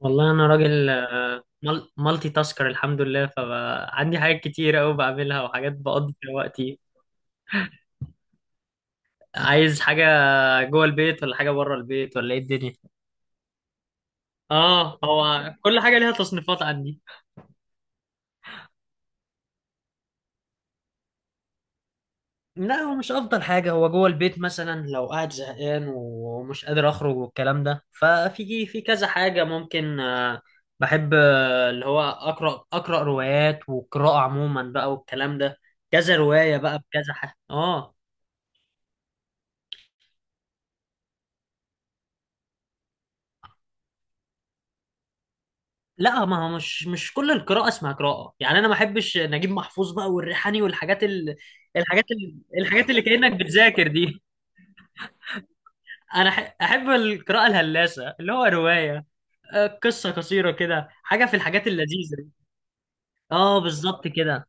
والله انا راجل مالتي تاسكر، الحمد لله. فعندي حاجات كتير قوي بعملها وحاجات بقضي فيها وقتي. عايز حاجه جوه البيت ولا حاجه بره البيت ولا ايه الدنيا؟ اه، هو كل حاجه ليها تصنيفات عندي. لا، هو مش افضل حاجه، هو جوه البيت مثلا، لو قاعد زهقان ومش قادر اخرج والكلام ده ففي في كذا حاجه ممكن. بحب اللي هو اقرا روايات والقراءه عموما بقى والكلام ده. كذا روايه بقى بكذا حاجه اه. لا، ما هو مش كل القراءة اسمها قراءة يعني. انا ما احبش نجيب محفوظ بقى والريحاني والحاجات الحاجات اللي كأنك بتذاكر دي. انا احب القراءة الهلاسة اللي هو رواية، قصة قصيرة كده، حاجة في الحاجات اللذيذة دي. اه، بالظبط كده.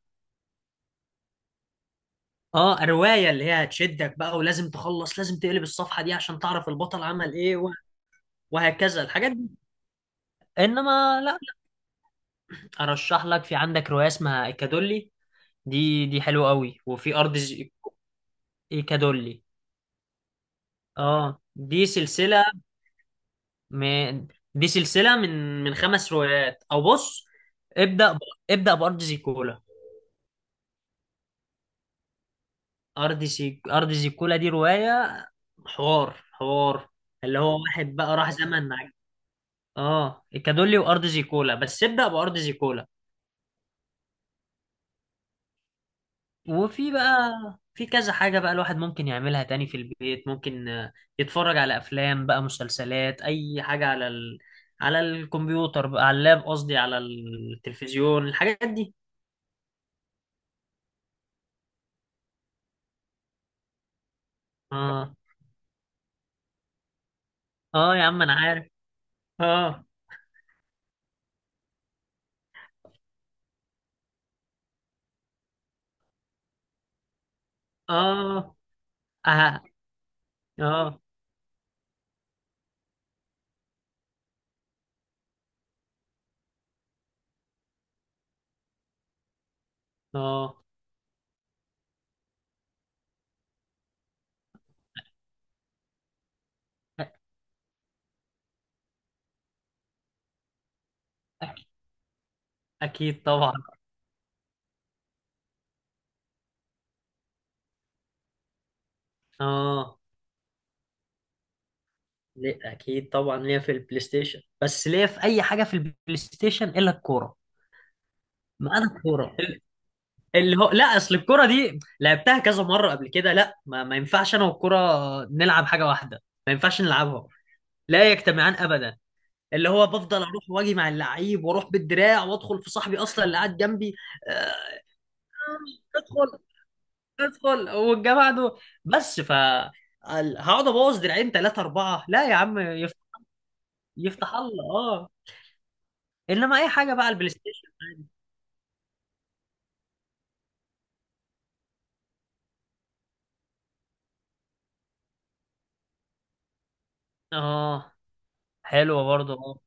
اه، رواية اللي هي هتشدك بقى، ولازم تخلص، لازم تقلب الصفحة دي عشان تعرف البطل عمل ايه، وهكذا الحاجات دي. انما لا. ارشح لك، في عندك رواية اسمها ايكادولي، دي حلوة قوي، وفي ارض ايكادولي. اه، دي سلسلة من، دي سلسلة من خمس روايات، او بص، ابدأ ب... ابدأ بأرض زيكولا. أرض زيكولا دي رواية حوار حوار، اللي هو واحد بقى راح زمن اه، الكادولي وأرض زيكولا، بس ابدأ بأرض زيكولا. وفي بقى في كذا حاجة بقى الواحد ممكن يعملها تاني في البيت، ممكن يتفرج على أفلام بقى، مسلسلات، أي حاجة على على الكمبيوتر بقى، على اللاب قصدي، على التلفزيون، الحاجات دي. اه. اه، يا عم انا عارف. اه. اه. اه. اه. اه. اكيد طبعا. اه. ليه، اكيد طبعا ليا في البلاي ستيشن، بس ليا في اي حاجه في البلاي ستيشن الا الكوره. ما انا الكوره ال- اللي هو لا، اصل الكوره دي لعبتها كذا مره قبل كده. لا، ما ينفعش انا والكوره نلعب حاجه واحده، ما ينفعش نلعبها. لا يجتمعان ابدا. اللي هو بفضل اروح واجي مع اللعيب، واروح بالدراع وادخل في صاحبي اصلا اللي قاعد جنبي. آه، ادخل، ادخل والجا بعده. بس ف هقعد ابوظ دراعين ثلاثه اربعه. لا يا عم، يفتح الله، اه. انما اي حاجه بقى، البلاي ستيشن عادي. اه، حلوه برضه اه.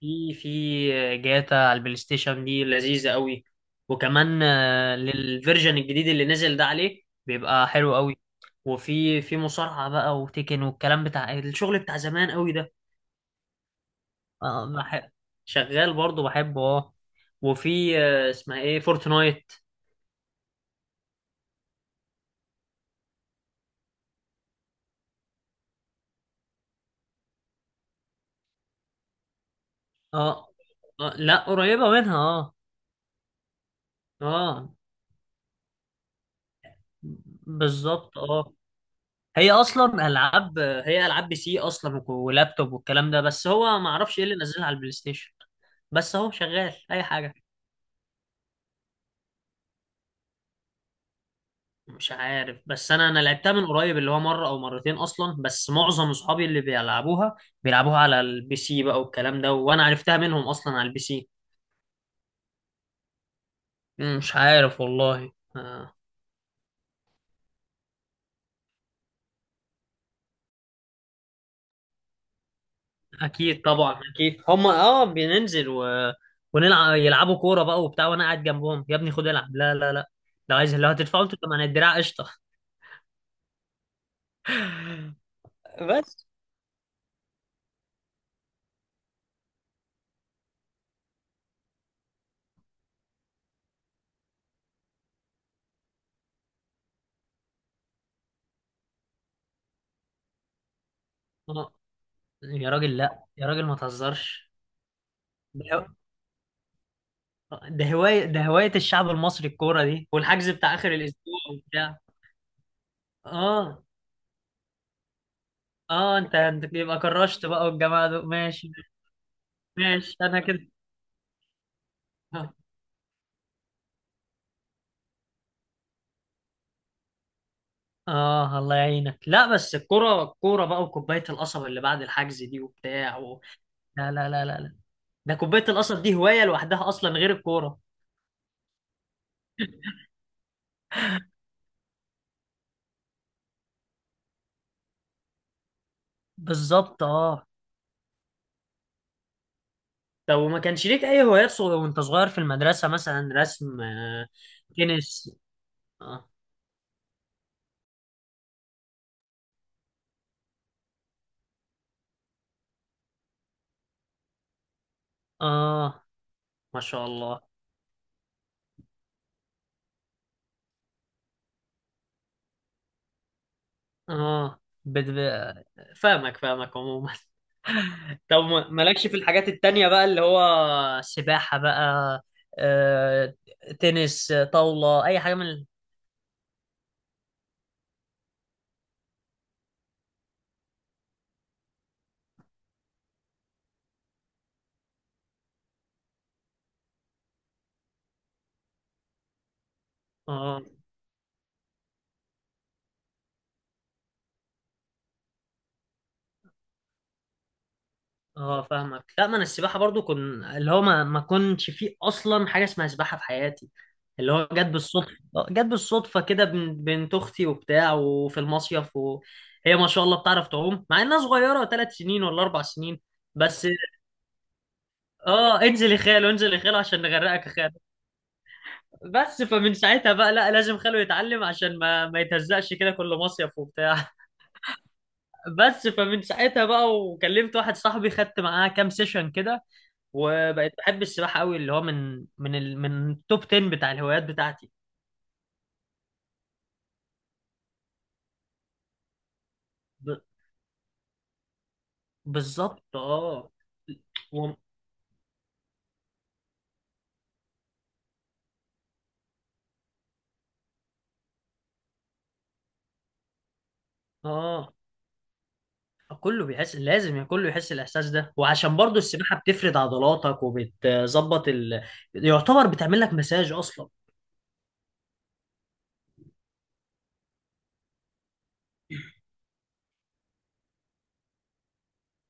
في جاتا على البلاي ستيشن دي لذيذه قوي. وكمان للفيرجن الجديد اللي نزل ده، عليه بيبقى حلو قوي. وفي مصارعه بقى وتيكن والكلام، بتاع الشغل بتاع زمان قوي ده. اه، بحب، شغال برضه بحبه اه. وفي اسمها ايه، فورتنايت. اه. لا، قريبة منها اه. اه، بالظبط اه. هي اصلا العاب، هي العاب بي سي اصلا ولابتوب والكلام ده، بس هو ما اعرفش ايه اللي نزلها على البلاي ستيشن. بس هو شغال اي حاجة. مش عارف، بس انا لعبتها من قريب، اللي هو مرة او مرتين اصلا، بس معظم اصحابي اللي بيلعبوها بيلعبوها على البي سي بقى والكلام ده، وانا عرفتها منهم اصلا على البي سي. مش عارف والله. اكيد طبعا، اكيد هم اه، بننزل ونلعب، يلعبوا كوره بقى وبتاع، وانا قاعد جنبهم، يا ابني خد العب، لا لا لا، لو عايز، لو هتدفعوا انتوا كمان الدراع، قشطه. بس آه، يا راجل، لا يا راجل، ما تهزرش. ده ده هوايه الشعب المصري، الكوره دي، والحجز بتاع اخر الاسبوع وبتاع. اه، اه، انت يبقى كرشت بقى، والجماعه دول ماشي. ماشي انا كده اه. الله يعينك. لا، بس الكوره، الكوره بقى، وكوبايه القصب اللي بعد الحجز دي وبتاع. لا لا لا لا لا. ده كوباية القصب دي هواية لوحدها أصلا غير الكورة. بالظبط اه. طب وما كانش ليك أي هوايات وأنت صغير في المدرسة، مثلا رسم، تنس، آه. آه، ما شاء الله آه، فاهمك فاهمك عموما. طب مالكش في الحاجات التانية بقى، اللي هو سباحة بقى، آه، تنس، طاولة، أي حاجة من آه، اه، فاهمك. لا، ما انا السباحه برضو كن، اللي هو ما كنتش فيه اصلا حاجه اسمها سباحه في حياتي. اللي هو جت بالصدفه، جت بالصدفه كده، بنت اختي وبتاع وفي المصيف، وهي ما شاء الله بتعرف تعوم مع انها صغيره 3 سنين ولا 4 سنين. بس اه، انزل يا خالو، انزل يا خالو عشان نغرقك يا خالو. بس فمن ساعتها بقى، لا، لازم خالو يتعلم عشان ما يتهزقش كده كل مصيف وبتاع. بس فمن ساعتها بقى، وكلمت واحد صاحبي خدت معاه كام سيشن كده، وبقيت بحب السباحة قوي، اللي هو من من التوب 10 بتاع الهوايات بتاعتي. ب... بالظبط اه. و... اه، كله بيحس، لازم يعني كله يحس الاحساس ده. وعشان برضو السباحه بتفرد عضلاتك وبتظبط ال... يعتبر بتعمل لك مساج اصلا.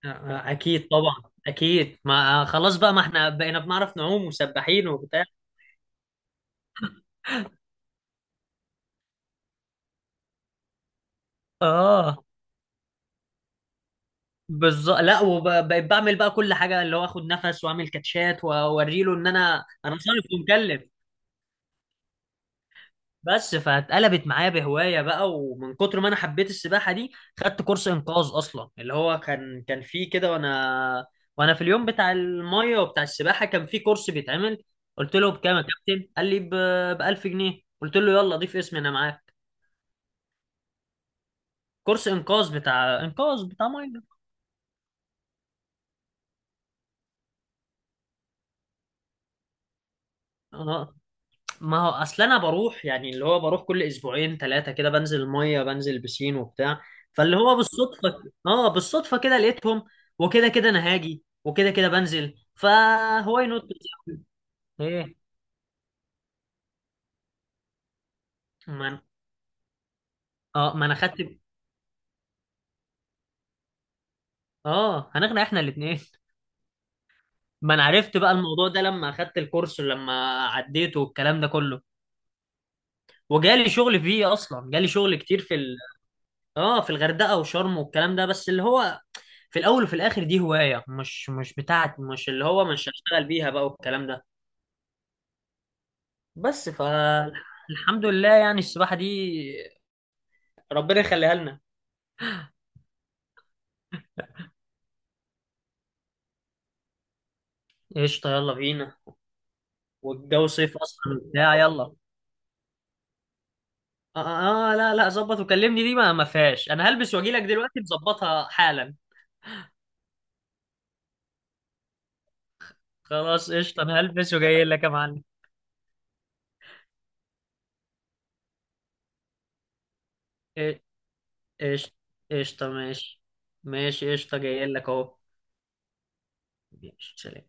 اكيد طبعا، اكيد ما خلاص بقى، ما احنا بقينا بنعرف نعوم وسباحين وبتاع. اه، بالظبط. لا، وبقيت بعمل بقى كل حاجه، اللي هو اخد نفس واعمل كاتشات واوريله ان انا صارف ومكلف. بس فاتقلبت معايا بهوايه بقى، ومن كتر ما انا حبيت السباحه دي خدت كورس انقاذ اصلا، اللي هو كان فيه كده، وانا في اليوم بتاع الميه وبتاع السباحه كان فيه كورس بيتعمل. قلت له بكام يا كابتن، قال لي ب 1000 جنيه، قلت له يلا ضيف اسمي انا معاك. كورس انقاذ، بتاع انقاذ، بتاع ميه. ما هو اصل انا بروح يعني، اللي هو بروح كل اسبوعين ثلاثه كده، بنزل الميه، بنزل بسين وبتاع. فاللي هو بالصدفه، اه بالصدفه كده، لقيتهم، وكده كده انا هاجي، وكده كده بنزل، فهو ينط. ايه، ما انا اه ما انا خدت اه، هنغنى احنا الاثنين. ما انا عرفت بقى الموضوع ده لما اخدت الكورس ولما عديته والكلام ده كله. وجالي شغل فيه اصلا، جالي شغل كتير في اه في الغردقه وشرم والكلام ده، بس اللي هو في الاول وفي الاخر دي هوايه، مش بتاعت، مش اللي هو مش هشتغل بيها بقى والكلام ده. بس فالحمد لله يعني السباحه دي، ربنا يخليها لنا. قشطه، يلا بينا. والجو صيف اصلا وبتاع، يلا. لا لا، ظبط وكلمني دي ما فيهاش، انا هلبس واجي لك دلوقتي، نظبطها حالا. خلاص قشطه، انا هلبس وجاي لك يا معلم. إيه- قشطه، قشطه ماشي، ماشي قشطه، جاي لك اهو. ماشي سلام.